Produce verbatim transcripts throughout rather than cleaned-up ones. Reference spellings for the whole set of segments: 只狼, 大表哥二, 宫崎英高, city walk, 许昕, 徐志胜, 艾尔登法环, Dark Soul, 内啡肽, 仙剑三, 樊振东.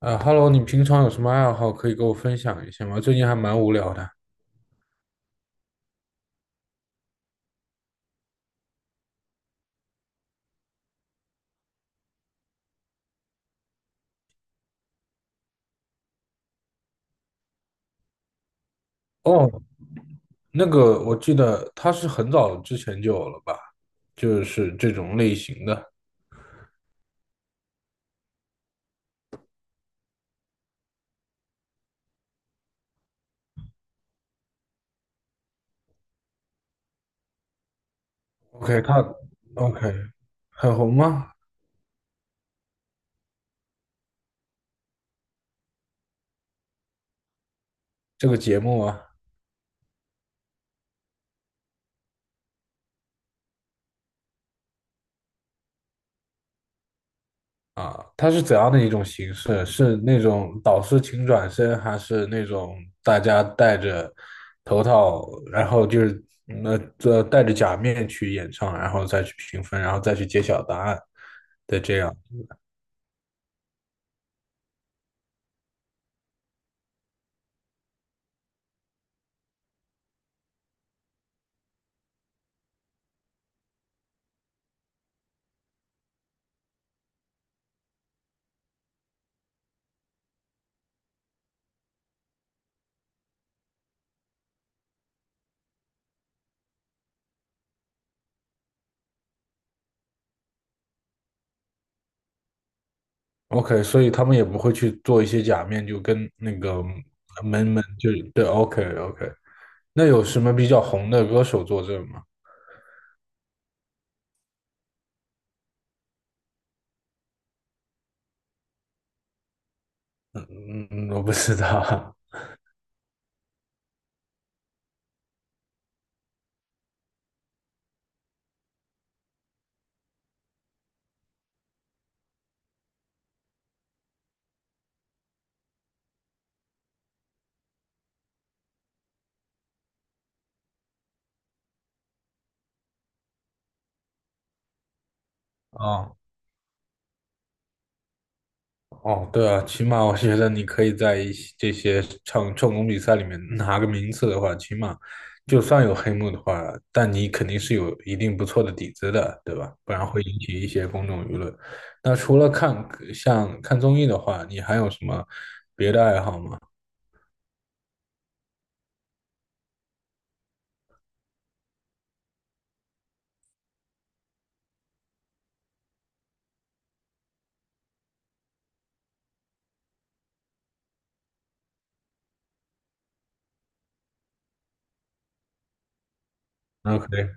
呃，Hello，你平常有什么爱好可以跟我分享一下吗？最近还蛮无聊的。哦，那个我记得他是很早之前就有了吧，就是这种类型的。OK，他 OK 很红吗？这个节目啊。啊，它是怎样的一种形式？是那种导师请转身，还是那种大家戴着头套，然后就是那这、戴着假面去演唱，然后再去评分，然后再去揭晓答案的这样？OK，所以他们也不会去做一些假面，就跟那个门门就对，OK OK。那有什么比较红的歌手作证吗？嗯嗯嗯，我不知道。啊哦，对啊，起码我觉得你可以在一些这些唱唱功比赛里面拿个名次的话，起码就算有黑幕的话，但你肯定是有一定不错的底子的，对吧？不然会引起一些公众舆论。那除了看像看综艺的话，你还有什么别的爱好吗？那肯定。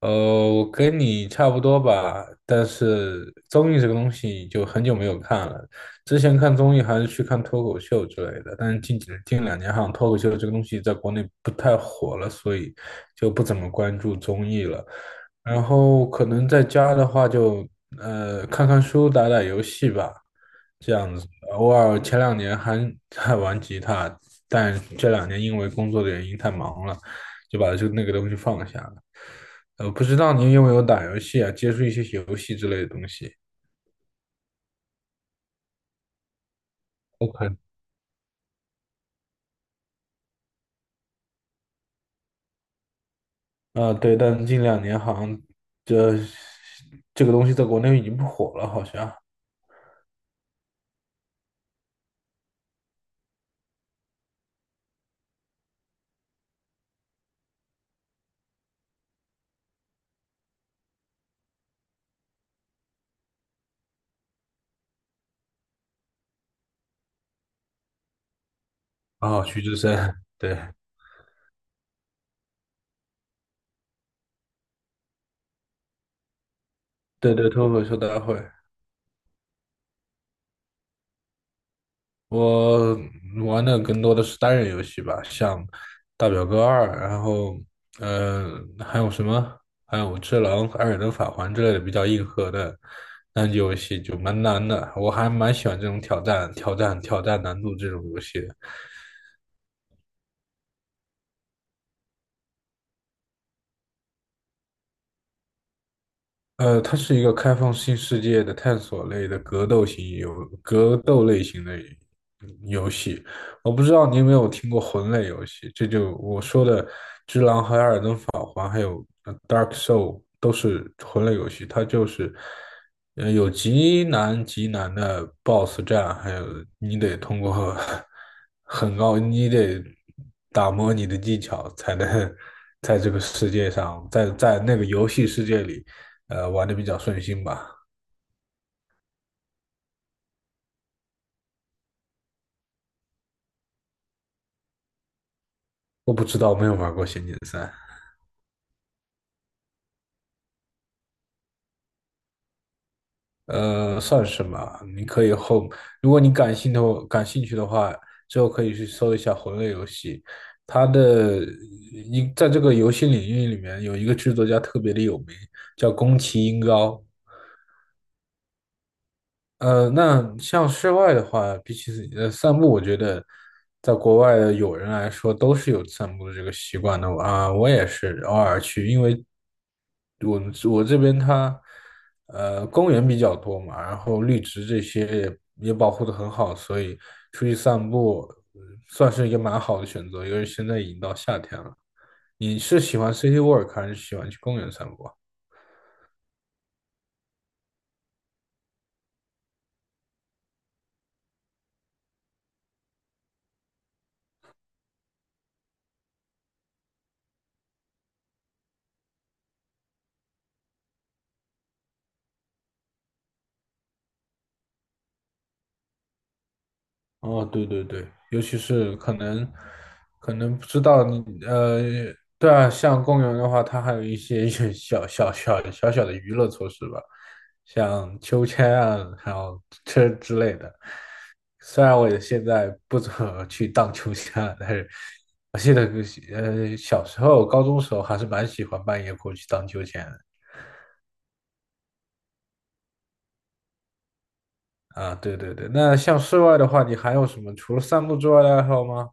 呃，我跟你差不多吧，但是综艺这个东西就很久没有看了。之前看综艺还是去看脱口秀之类的，但是近几近两年好像脱口秀这个东西在国内不太火了，所以就不怎么关注综艺了。然后可能在家的话就呃看看书、打打游戏吧，这样子。偶尔前两年还 还玩吉他，但这两年因为工作的原因太忙了，就把这那个东西放下了。呃，不知道您有没有打游戏啊？接触一些游戏之类的东西。OK。啊，对，但近两年好像这这个东西在国内已经不火了，好像。啊，徐志胜，对对对，脱口秀大会。我玩的更多的是单人游戏吧，像《大表哥二》，然后呃，还有什么？还有《只狼》《二尔登法环》之类的比较硬核的单机游戏，就蛮难的。我还蛮喜欢这种挑战、挑战、挑战难度这种游戏的。呃，它是一个开放性世界的探索类的格斗型游，格斗类型的游戏。我不知道你有没有听过魂类游戏，这就我说的《只狼》和《艾尔登法环》，还有呃《Dark Soul》都是魂类游戏。它就是呃有极难极难的 BOSS 战，还有你得通过 很高，你得打磨你的技巧才能在这个世界上，在在那个游戏世界里。呃，玩的比较顺心吧。我不知道，没有玩过《仙剑三》，呃，算是吧。你可以后，如果你感兴趣感兴趣的话，之后可以去搜一下魂类游戏。它的一在这个游戏领域里面有一个制作家特别的有名，叫宫崎英高。呃，那像室外的话，比起呃散步，我觉得在国外的友人来说都是有散步的这个习惯的啊。我也是偶尔去，因为我们我这边它呃公园比较多嘛，然后绿植这些也也保护的很好，所以出去散步呃算是一个蛮好的选择。因为现在已经到夏天了，你是喜欢 city walk 还是喜欢去公园散步啊？哦，对对对，尤其是可能可能不知道你呃，对啊，像公园的话，它还有一些 小小小小小的娱乐措施吧，像秋千啊，还有车之类的。虽然我也现在不怎么去荡秋千了，但是我记得呃小时候、高中时候还是蛮喜欢半夜过去荡秋千的。啊，对对对，那像室外的话，你还有什么除了散步之外的爱好吗？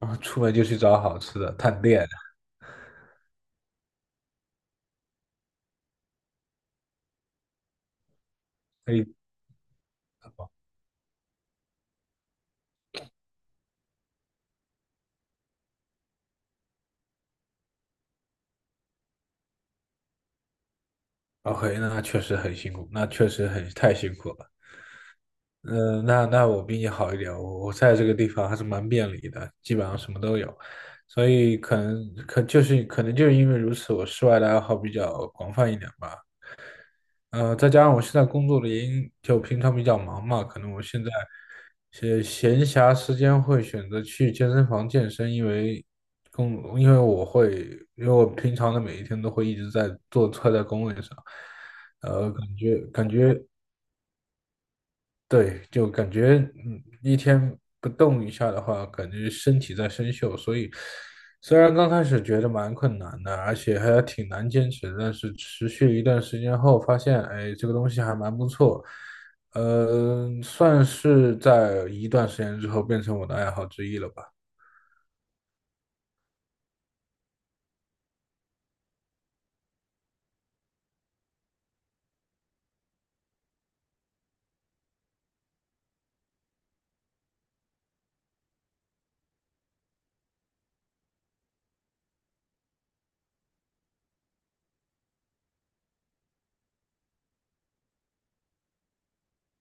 啊，出门就去找好吃的探店。哎，OK，那确实很辛苦，那确实很太辛苦了。嗯、那那我比你好一点，我我在这个地方还是蛮便利的，基本上什么都有，所以可能可就是可能就是因为如此，我室外的爱好比较广泛一点吧。呃，再加上我现在工作的原因，就平常比较忙嘛，可能我现在闲闲暇时间会选择去健身房健身，因为工，因为我会，因为我平常的每一天都会一直在做，坐在工位上，呃，感觉感觉对，就感觉嗯，一天不动一下的话，感觉身体在生锈，所以虽然刚开始觉得蛮困难的，而且还挺难坚持的，但是持续一段时间后，发现哎，这个东西还蛮不错，呃，算是在一段时间之后变成我的爱好之一了吧。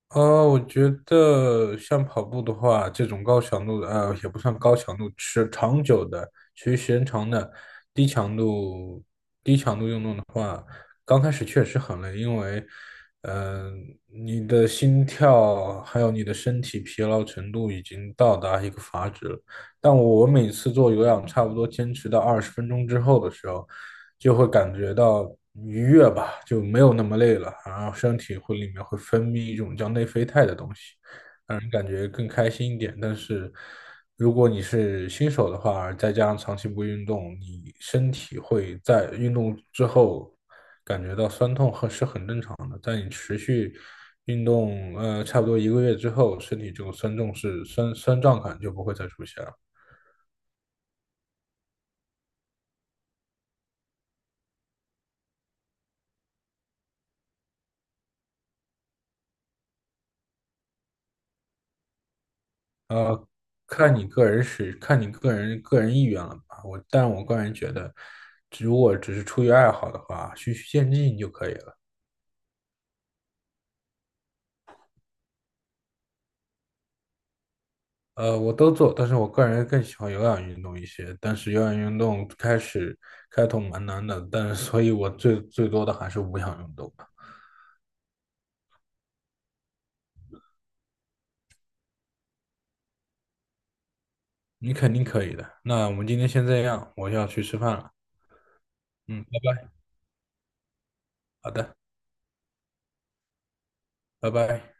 呃，我觉得像跑步的话，这种高强度的，呃，也不算高强度，持长久的，持续时间长的，低强度、低强度运动的话，刚开始确实很累，因为，嗯，你的心跳还有你的身体疲劳程度已经到达一个阀值了。但我每次做有氧，差不多坚持到二十分钟之后的时候，就会感觉到愉悦吧，就没有那么累了，然后身体会里面会分泌一种叫内啡肽的东西，让人感觉更开心一点。但是如果你是新手的话，再加上长期不运动，你身体会在运动之后感觉到酸痛和是很正常的。在你持续运动，呃，差不多一个月之后，身体这种酸痛是酸酸胀感就不会再出现了。呃，看你个人是看你个人个人意愿了吧。我，但我个人觉得，如果只是出于爱好的话，循序渐进就可以了。呃，我都做，但是我个人更喜欢有氧运动一些。但是有氧运动开始开头蛮难的，但是所以我最最多的还是无氧运动吧。你肯定可以的。那我们今天先这样，我要去吃饭了。嗯，拜拜。好的，拜拜。